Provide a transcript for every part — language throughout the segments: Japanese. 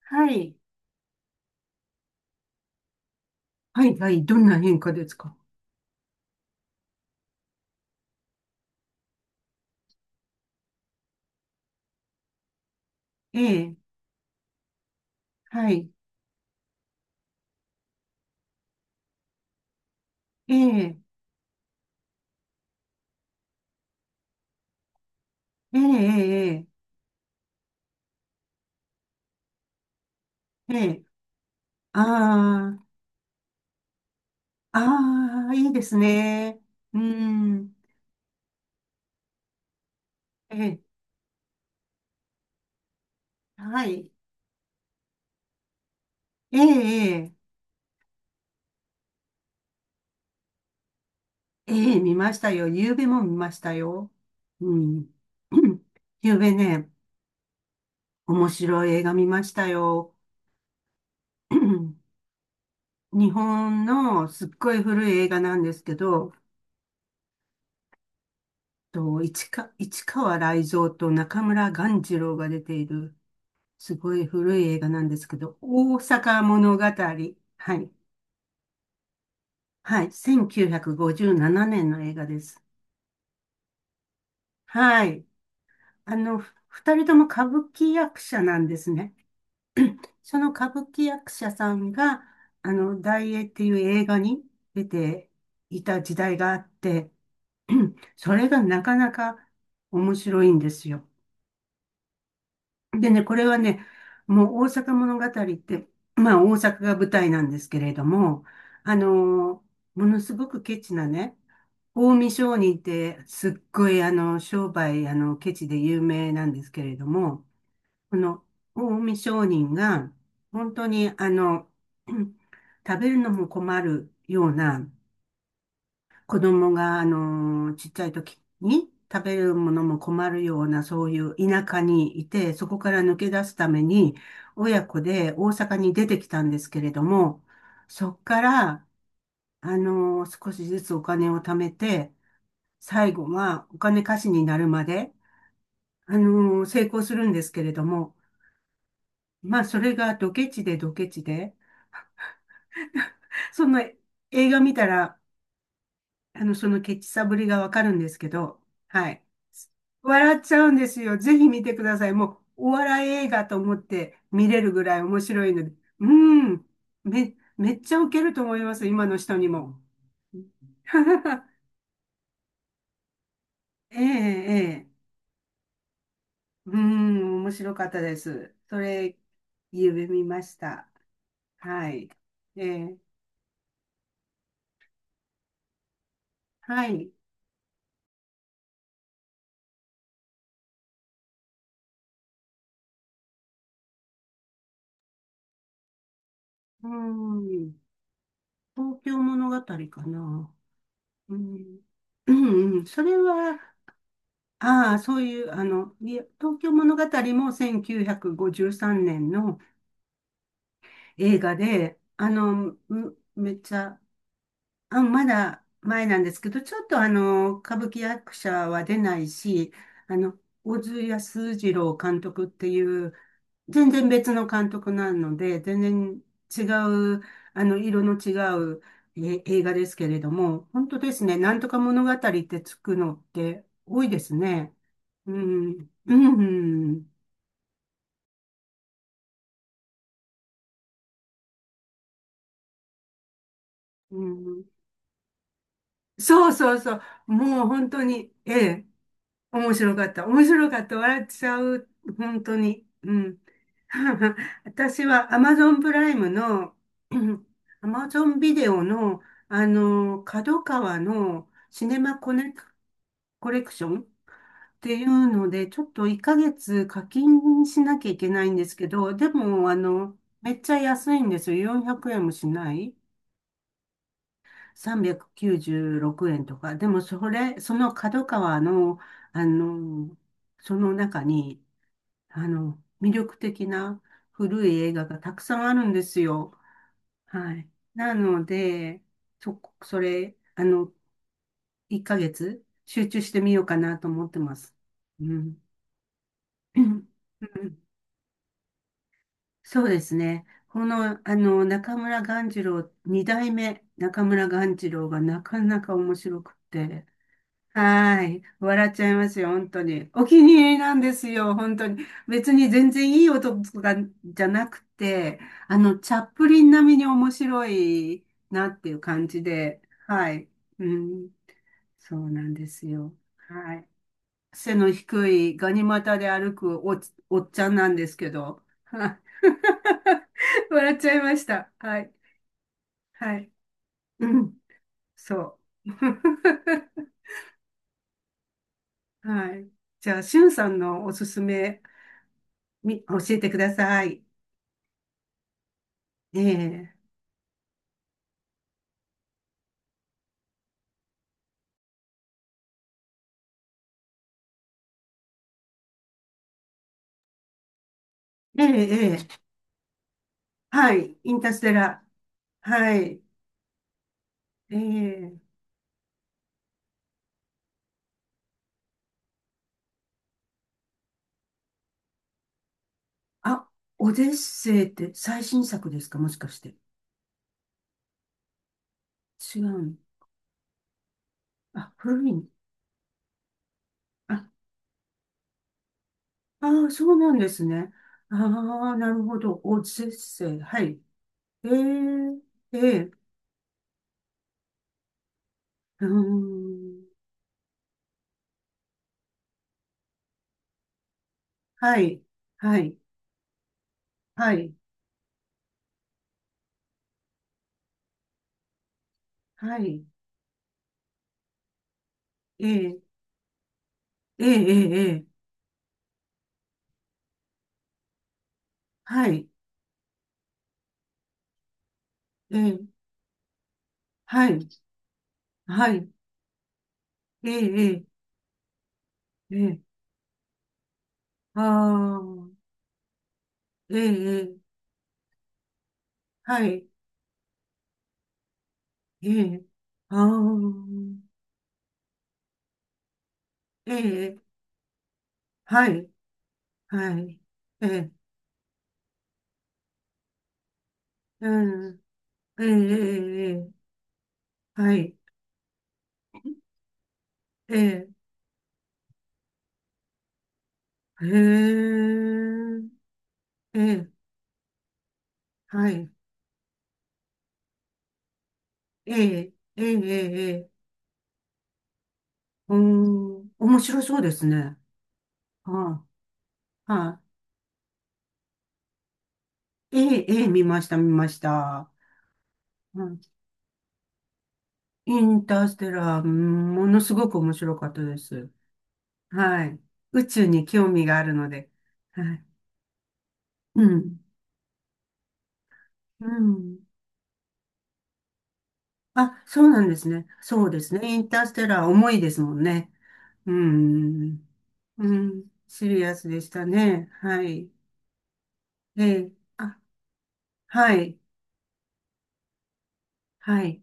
はい。はい、はい、どんな変化ですか？ええ、はい。ええ、ええ、ええ、ええ、ああ、ああ、いいですね。うん、ええ、はい。ええ、ええ、ええ見ましたよ。夕べも見ましたよ。うん。夕べね、面白い映画見ましたよ。日本のすっごい古い映画なんですけど、と市川、市川雷蔵と中村鴈治郎が出ているすごい古い映画なんですけど、大阪物語。はい。はい。1957年の映画です。はい。あの、二人とも歌舞伎役者なんですね。その歌舞伎役者さんが、あの、大映っていう映画に出ていた時代があって、それがなかなか面白いんですよ。でね、これはね、もう大阪物語って、まあ大阪が舞台なんですけれども、あのーものすごくケチなね、近江商人ってすっごいあの、商売、あの、ケチで有名なんですけれども、この近江商人が、本当にあの、食べるのも困るような、子供が、あの、ちっちゃい時に食べるものも困るような、そういう田舎にいて、そこから抜け出すために、親子で大阪に出てきたんですけれども、そこから、あの、少しずつお金を貯めて、最後はお金貸しになるまで、あの、成功するんですけれども、まあ、それがドケチでドケチで、その映画見たら、あの、そのケチさぶりがわかるんですけど、はい。笑っちゃうんですよ。ぜひ見てください。もう、お笑い映画と思って見れるぐらい面白いので。うん。めっちゃウケると思います。今の人にも。ええ、ええ。うん、面白かったです。それ、夢見ました。はい。ええ、はい。うん、東京物語かな。うん、うんそれは、ああ、そういう、あの、いや東京物語も1953年の映画で、あの、めっちゃ、あ、まだ前なんですけど、ちょっとあの、歌舞伎役者は出ないし、あの、小津安二郎監督っていう、全然別の監督なので、全然違う、あの、色の違う映画ですけれども、本当ですね、なんとか物語ってつくのって多いですね。うん、うん、うん。そうそうそう。もう本当に、ええ、面白かった。面白かった。笑っちゃう。本当に。うん。私は Amazon プライムの、Amazon ビデオの、あの、角川のシネマコネク、コレクションっていうので、ちょっと1ヶ月課金しなきゃいけないんですけど、でも、あの、めっちゃ安いんですよ。400円もしない。396円とか、でもそれ、その角川の、あの、その中に、あの、魅力的な古い映画がたくさんあるんですよ。はい。なので、そこ、それ、あの、1ヶ月集中してみようかなと思ってます。うん。うんそうですね。この、あの、中村鴈治郎、二代目中村鴈治郎がなかなか面白くって、はい。笑っちゃいますよ、本当に。お気に入りなんですよ、本当に。別に全然いい音とかじゃなくて、あの、チャップリン並みに面白いなっていう感じで、はい。うん、そうなんですよ。はい。背の低いガニ股で歩くおっちゃんなんですけど、はい。笑っちゃいました。はい。はい。うん、そう。はい。じゃあ、しゅんさんのおすすめ教えてください。ええ、ええ、ええ、はい、インターステラー。はい、ええ、あ、オデッセイって最新作ですかもしかして？違うの。あ、古いの。あ、ああ、そうなんですね。ああ、なるほど。オデッセイ。はい。ええ、ええ、うーん。はい、はい、はい、はい。ええ、ええ、ええ、ええはい、ええ、はい、はい、ええ、ええ。ええああ、ええ、ええはい、ええ、ああ、ええ、はい、はい、ええ、うん、ええ、ええ、はい、ええ、へえ、ええ、はい、ええ、ええ、ええ、ええうん、面白そうですね。はい、はい、ええ、ええ、見ました、見ました。うん、インターステラー、うんものすごく面白かったです。はい。宇宙に興味があるので。はい。うん。うん。あ、そうなんですね。そうですね。インターステラー重いですもんね。うん。うん。シリアスでしたね。はい。ええ。あ、はい。はい。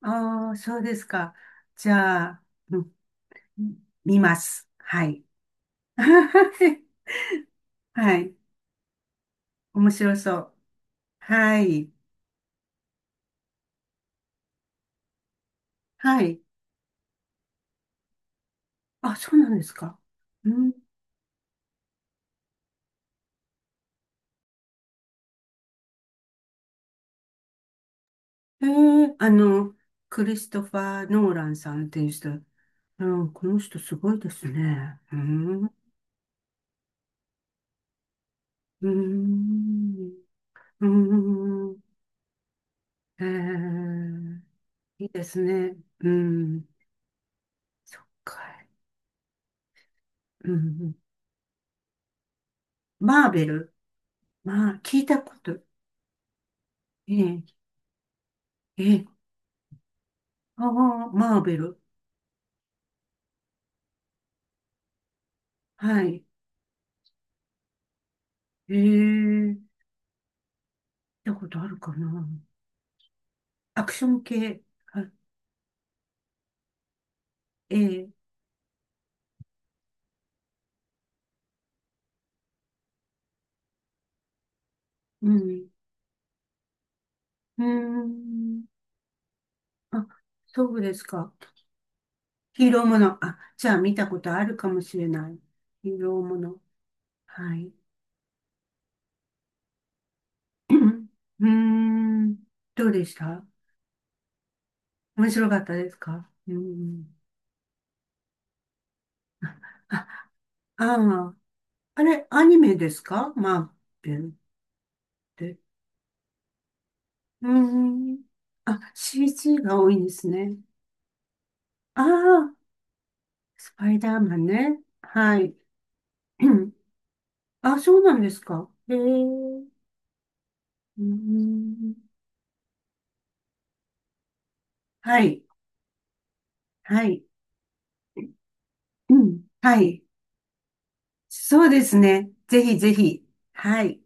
ああ、そうですか。じゃあ、うん、見ます。はい。はい。面白そう。はい。はい。あ、そうなんですか。うんええあの、クリストファー・ノーランさんっていう人、うん、この人すごいですね。うん、うーん、うーん、ええいいですね。うん、そっか。うん、マーベル。まあ、聞いたこと。ええええああ、マーベル。はい。ええ聞いたことあるかな。アクション系。はいええうん、うーん。あ、そうですか。ヒーローもの。あ、じゃあ見たことあるかもしれない。ヒーローもの。はい。うーん。どうでした？面白かったですか？うん。あ、ああ、あれ、アニメですかマーベルって？うーん。あ、CG が多いんですね。ああ、スパイダーマンね。はい。うんあ、そうなんですか。へえ。うーん。はい。はい。うん。はい。そうですね。ぜひぜひ。はい。